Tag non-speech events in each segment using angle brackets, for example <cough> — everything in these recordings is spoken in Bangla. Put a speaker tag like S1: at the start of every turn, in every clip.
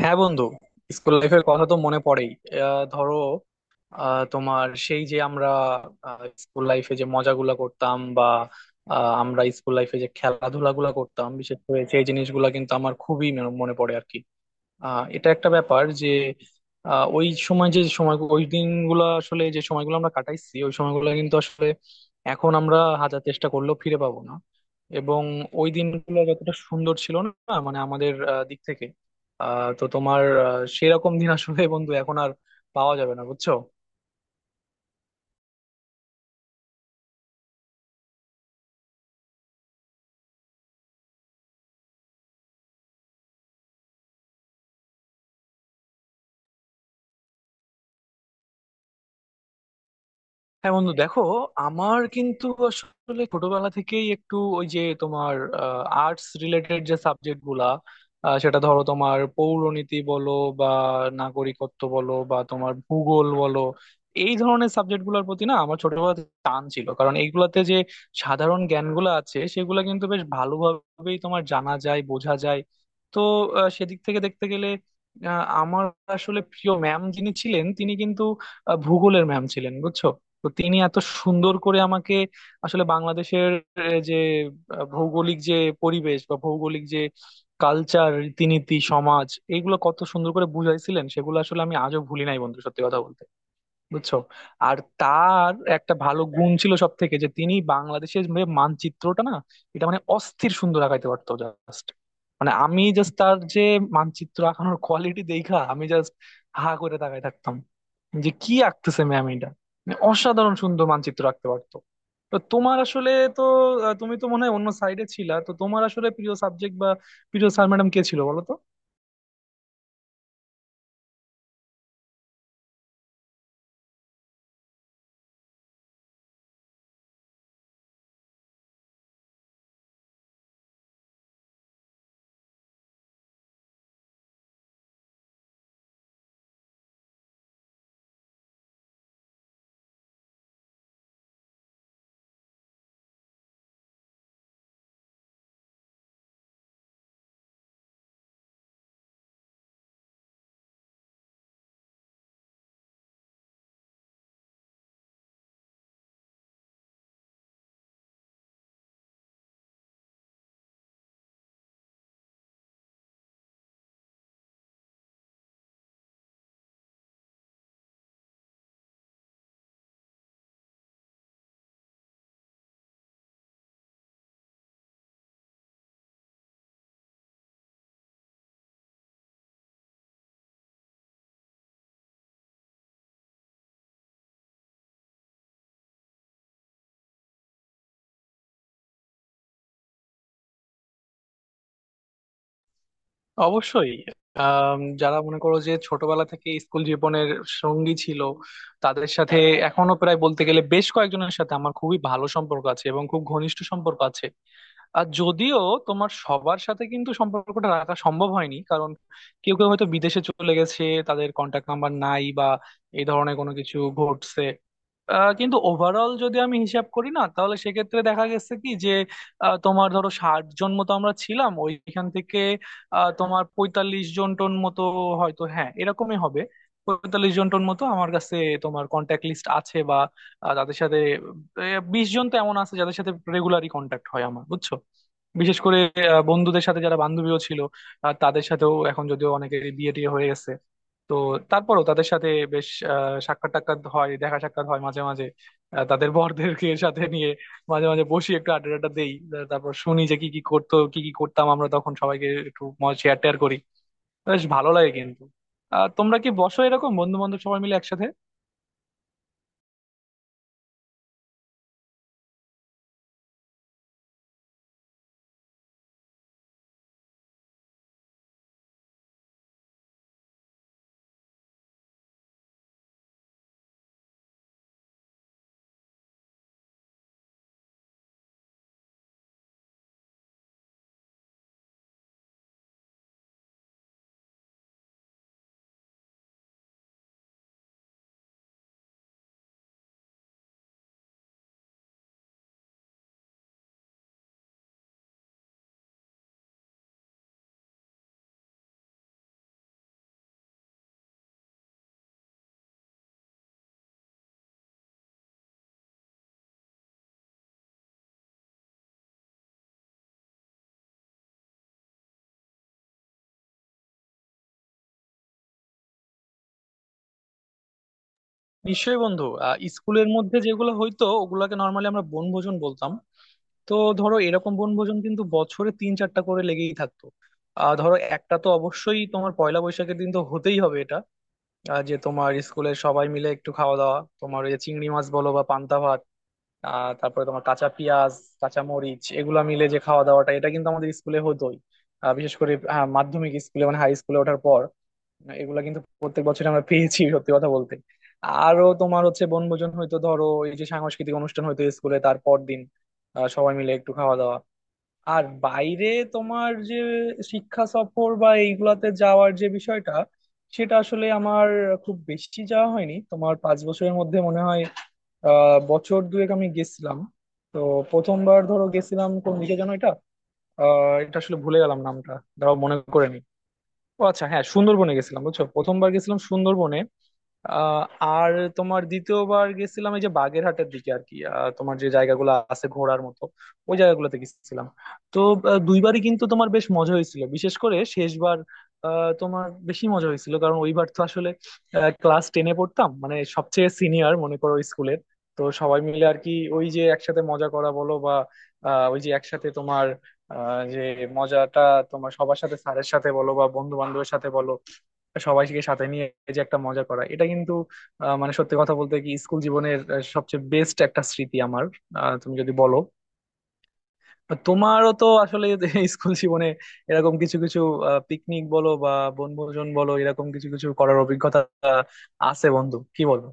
S1: হ্যাঁ বন্ধু, স্কুল লাইফের কথা তো মনে পড়েই। ধরো, তোমার সেই যে আমরা স্কুল লাইফে যে মজাগুলা করতাম বা আমরা স্কুল লাইফে যে খেলাধুলা গুলা করতাম, বিশেষ করে সেই জিনিসগুলা কিন্তু আমার খুবই মনে মনে পড়ে আর কি। এটা একটা ব্যাপার যে ওই সময় যে সময় ওই দিনগুলো আসলে যে সময়গুলো আমরা কাটাইছি ওই সময়গুলো কিন্তু আসলে এখন আমরা হাজার চেষ্টা করলেও ফিরে পাবো না। এবং ওই দিনগুলো যতটা সুন্দর ছিল না মানে আমাদের দিক থেকে, তো তোমার সেরকম দিন আসলে বন্ধু এখন আর পাওয়া যাবে না, বুঝছো। হ্যাঁ বন্ধু দেখো, আমার কিন্তু আসলে ছোটবেলা থেকেই একটু ওই যে তোমার আর্টস রিলেটেড যে সাবজেক্ট গুলা, সেটা ধরো তোমার পৌরনীতি বলো বা নাগরিকত্ব বলো বা তোমার ভূগোল বলো, এই ধরনের সাবজেক্ট গুলোর প্রতি না আমার ছোটবেলা থেকে টান ছিল, কারণ এইগুলাতে যে সাধারণ জ্ঞানগুলো আছে সেগুলো কিন্তু বেশ ভালোভাবেই তোমার জানা যায় বোঝা যায়। তো সেদিক থেকে দেখতে গেলে আমার আসলে প্রিয় ম্যাম যিনি ছিলেন তিনি কিন্তু ভূগোলের ম্যাম ছিলেন বুঝছো। তো তিনি এত সুন্দর করে আমাকে আসলে বাংলাদেশের আহ, যে ভৌগোলিক যে পরিবেশ বা ভৌগোলিক যে কালচার, রীতিনীতি, সমাজ, এগুলো কত সুন্দর করে বুঝাইছিলেন সেগুলো আসলে আমি আজও ভুলি নাই বন্ধু, সত্যি কথা বলতে, বুঝছো। আর তার একটা ভালো গুণ ছিল সব থেকে, যে তিনি বাংলাদেশের যে মানচিত্রটা না, এটা মানে অস্থির সুন্দর আঁকাইতে পারতো জাস্ট। মানে আমি জাস্ট তার যে মানচিত্র আঁকানোর কোয়ালিটি দেখা আমি জাস্ট হা করে তাকাই থাকতাম যে কি আঁকতেছে ম্যাম এটা। মানে অসাধারণ সুন্দর মানচিত্র আঁকতে পারতো। তো তোমার আসলে, তো তুমি তো মনে হয় অন্য সাইডে ছিলা, তো তোমার আসলে প্রিয় সাবজেক্ট বা প্রিয় স্যার ম্যাডাম কে ছিল বলো তো। অবশ্যই। যারা মনে করো যে ছোটবেলা থেকে স্কুল জীবনের সঙ্গী ছিল তাদের সাথে এখনো প্রায় বলতে গেলে বেশ কয়েকজনের সাথে আমার খুবই ভালো সম্পর্ক আছে এবং খুব ঘনিষ্ঠ সম্পর্ক আছে। আর যদিও তোমার সবার সাথে কিন্তু সম্পর্কটা রাখা সম্ভব হয়নি, কারণ কেউ কেউ হয়তো বিদেশে চলে গেছে, তাদের কন্টাক্ট নাম্বার নাই বা এই ধরনের কোনো কিছু ঘটছে। কিন্তু ওভারঅল যদি আমি হিসাব করি না তাহলে সেক্ষেত্রে দেখা গেছে কি যে তোমার ধরো 60 জন মতো আমরা ছিলাম, ওইখান থেকে তোমার 45 জন টোন মতো, হয়তো হ্যাঁ এরকমই হবে। 45 জন টোন মতো আমার কাছে তোমার কন্ট্যাক্ট লিস্ট আছে বা তাদের সাথে 20 জন তো এমন আছে যাদের সাথে রেগুলারই কন্ট্যাক্ট হয় আমার, বুঝছো। বিশেষ করে বন্ধুদের সাথে যারা বান্ধবীও ছিল, তাদের সাথেও এখন যদিও অনেকের বিয়ে টিয়ে হয়ে গেছে, তো তারপরও তাদের সাথে বেশ সাক্ষাৎ টাক্ষাৎ হয়, দেখা সাক্ষাৎ হয় মাঝে মাঝে। তাদের বরদেরকে সাথে নিয়ে মাঝে মাঝে বসি, একটু আড্ডা টাড্ডা দেই, তারপর শুনি যে কি কি করতো কি কি করতাম আমরা তখন, সবাইকে একটু শেয়ার টেয়ার করি। বেশ ভালো লাগে কিন্তু। তোমরা কি বসো এরকম বন্ধু বান্ধব সবাই মিলে একসাথে? নিশ্চয়ই বন্ধু। স্কুলের মধ্যে যেগুলো হইতো ওগুলোকে নর্মালি আমরা বনভোজন বলতাম। তো ধরো এরকম বনভোজন কিন্তু বছরে তিন চারটা করে লেগেই থাকতো। ধরো একটা তো অবশ্যই তোমার পয়লা বৈশাখের দিন তো হতেই হবে এটা, যে তোমার স্কুলের সবাই মিলে একটু খাওয়া দাওয়া, তোমার ওই যে চিংড়ি মাছ বলো বা পান্তা ভাত, তারপরে তোমার কাঁচা পেঁয়াজ, কাঁচা মরিচ, এগুলা মিলে যে খাওয়া দাওয়াটা এটা কিন্তু আমাদের স্কুলে হতোই। বিশেষ করে মাধ্যমিক স্কুলে মানে হাই স্কুলে ওঠার পর এগুলা কিন্তু প্রত্যেক বছর আমরা পেয়েছি, সত্যি কথা বলতে। আরো তোমার হচ্ছে বনভোজন হয়তো ধরো এই যে সাংস্কৃতিক অনুষ্ঠান হয়তো স্কুলে, তারপর দিন সবাই মিলে একটু খাওয়া দাওয়া। আর বাইরে তোমার যে শিক্ষা সফর বা এইগুলাতে যাওয়ার যে বিষয়টা, সেটা আসলে আমার খুব বেশি যাওয়া হয়নি তোমার 5 বছরের মধ্যে, মনে হয় বছর দুয়েক আমি গেছিলাম। তো প্রথমবার ধরো গেছিলাম কোন দিকে যেন এটা, এটা আসলে ভুলে গেলাম নামটা, দাঁড়াও মনে করে নি। ও আচ্ছা হ্যাঁ, সুন্দরবনে গেছিলাম বুঝছো, প্রথমবার গেছিলাম সুন্দরবনে। আর তোমার দ্বিতীয়বার গেছিলাম এই যে বাগেরহাটের দিকে আর কি, তোমার যে জায়গাগুলো আছে ঘোরার মতো ওই জায়গাগুলোতে গেছিলাম। তো দুইবারই কিন্তু তোমার বেশ মজা হয়েছিল, বিশেষ করে শেষবার তোমার বেশি মজা হয়েছিল, কারণ ওইবার তো আসলে ক্লাস টেনে পড়তাম মানে সবচেয়ে সিনিয়র মনে করো স্কুলের। তো সবাই মিলে আর কি ওই যে একসাথে মজা করা বলো বা আহ, ওই যে একসাথে তোমার আহ, যে মজাটা তোমার সবার সাথে, স্যারের সাথে বলো বা বন্ধু বান্ধবের সাথে বলো, সবাইকে সাথে নিয়ে যে একটা মজা করা, এটা কিন্তু মানে সত্যি কথা বলতে কি স্কুল জীবনের সবচেয়ে বেস্ট একটা স্মৃতি আমার। তুমি যদি বলো, তোমারও তো আসলে <laughs> স্কুল জীবনে এরকম কিছু কিছু পিকনিক বলো বা বনভোজন বলো, এরকম কিছু কিছু করার অভিজ্ঞতা আহ, আছে বন্ধু, কি বলো।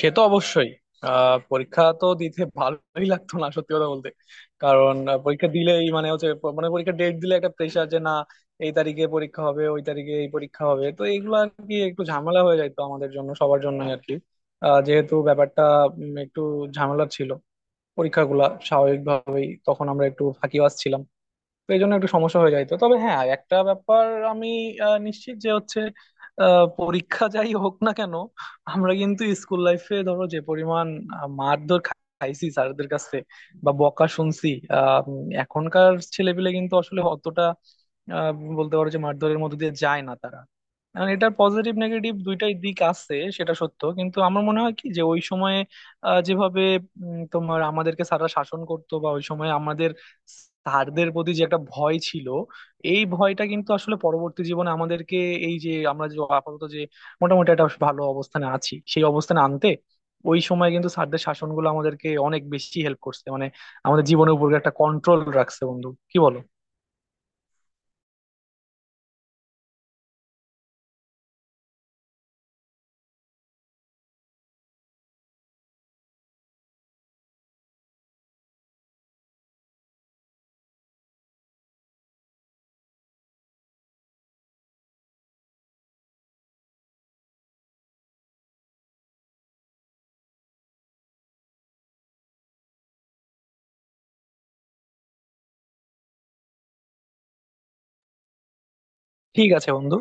S1: সে তো অবশ্যই। পরীক্ষা তো দিতে ভালোই লাগতো না, সত্যি কথা বলতে। কারণ পরীক্ষা দিলেই মানে হচ্ছে মানে পরীক্ষা ডেট দিলে একটা প্রেশার যে না এই তারিখে পরীক্ষা হবে ওই তারিখে এই পরীক্ষা হবে, তো এইগুলো আর কি একটু ঝামেলা হয়ে যাইতো আমাদের জন্য, সবার জন্য আর কি। যেহেতু ব্যাপারটা একটু ঝামেলা ছিল পরীক্ষাগুলা, স্বাভাবিকভাবেই তখন আমরা একটু ফাঁকিবাজ ছিলাম তো এই জন্য একটু সমস্যা হয়ে যাইতো। তবে হ্যাঁ একটা ব্যাপার আমি নিশ্চিত যে হচ্ছে পরীক্ষা যাই হোক না কেন আমরা কিন্তু স্কুল লাইফে ধরো যে পরিমাণ মারধর খাইছি স্যারদের কাছে বা বকা শুনছি, এখনকার ছেলেপিলে কিন্তু আসলে অতটা আহ, বলতে পারো যে মারধরের মধ্যে দিয়ে যায় না তারা। কারণ এটার পজিটিভ নেগেটিভ দুইটাই দিক আছে সেটা সত্য, কিন্তু আমার মনে হয় কি যে ওই সময়ে যেভাবে তোমার আমাদেরকে স্যাররা শাসন করতো বা ওই সময় আমাদের স্যারদের প্রতি যে একটা ভয় ছিল, এই ভয়টা কিন্তু আসলে পরবর্তী জীবনে আমাদেরকে, এই যে আমরা যে আপাতত যে মোটামুটি একটা ভালো অবস্থানে আছি সেই অবস্থানে আনতে, ওই সময় কিন্তু স্যারদের শাসনগুলো আমাদেরকে অনেক বেশি হেল্প করছে, মানে আমাদের জীবনের উপর একটা কন্ট্রোল রাখছে বন্ধু, কি বলো। ঠিক আছে বন্ধু।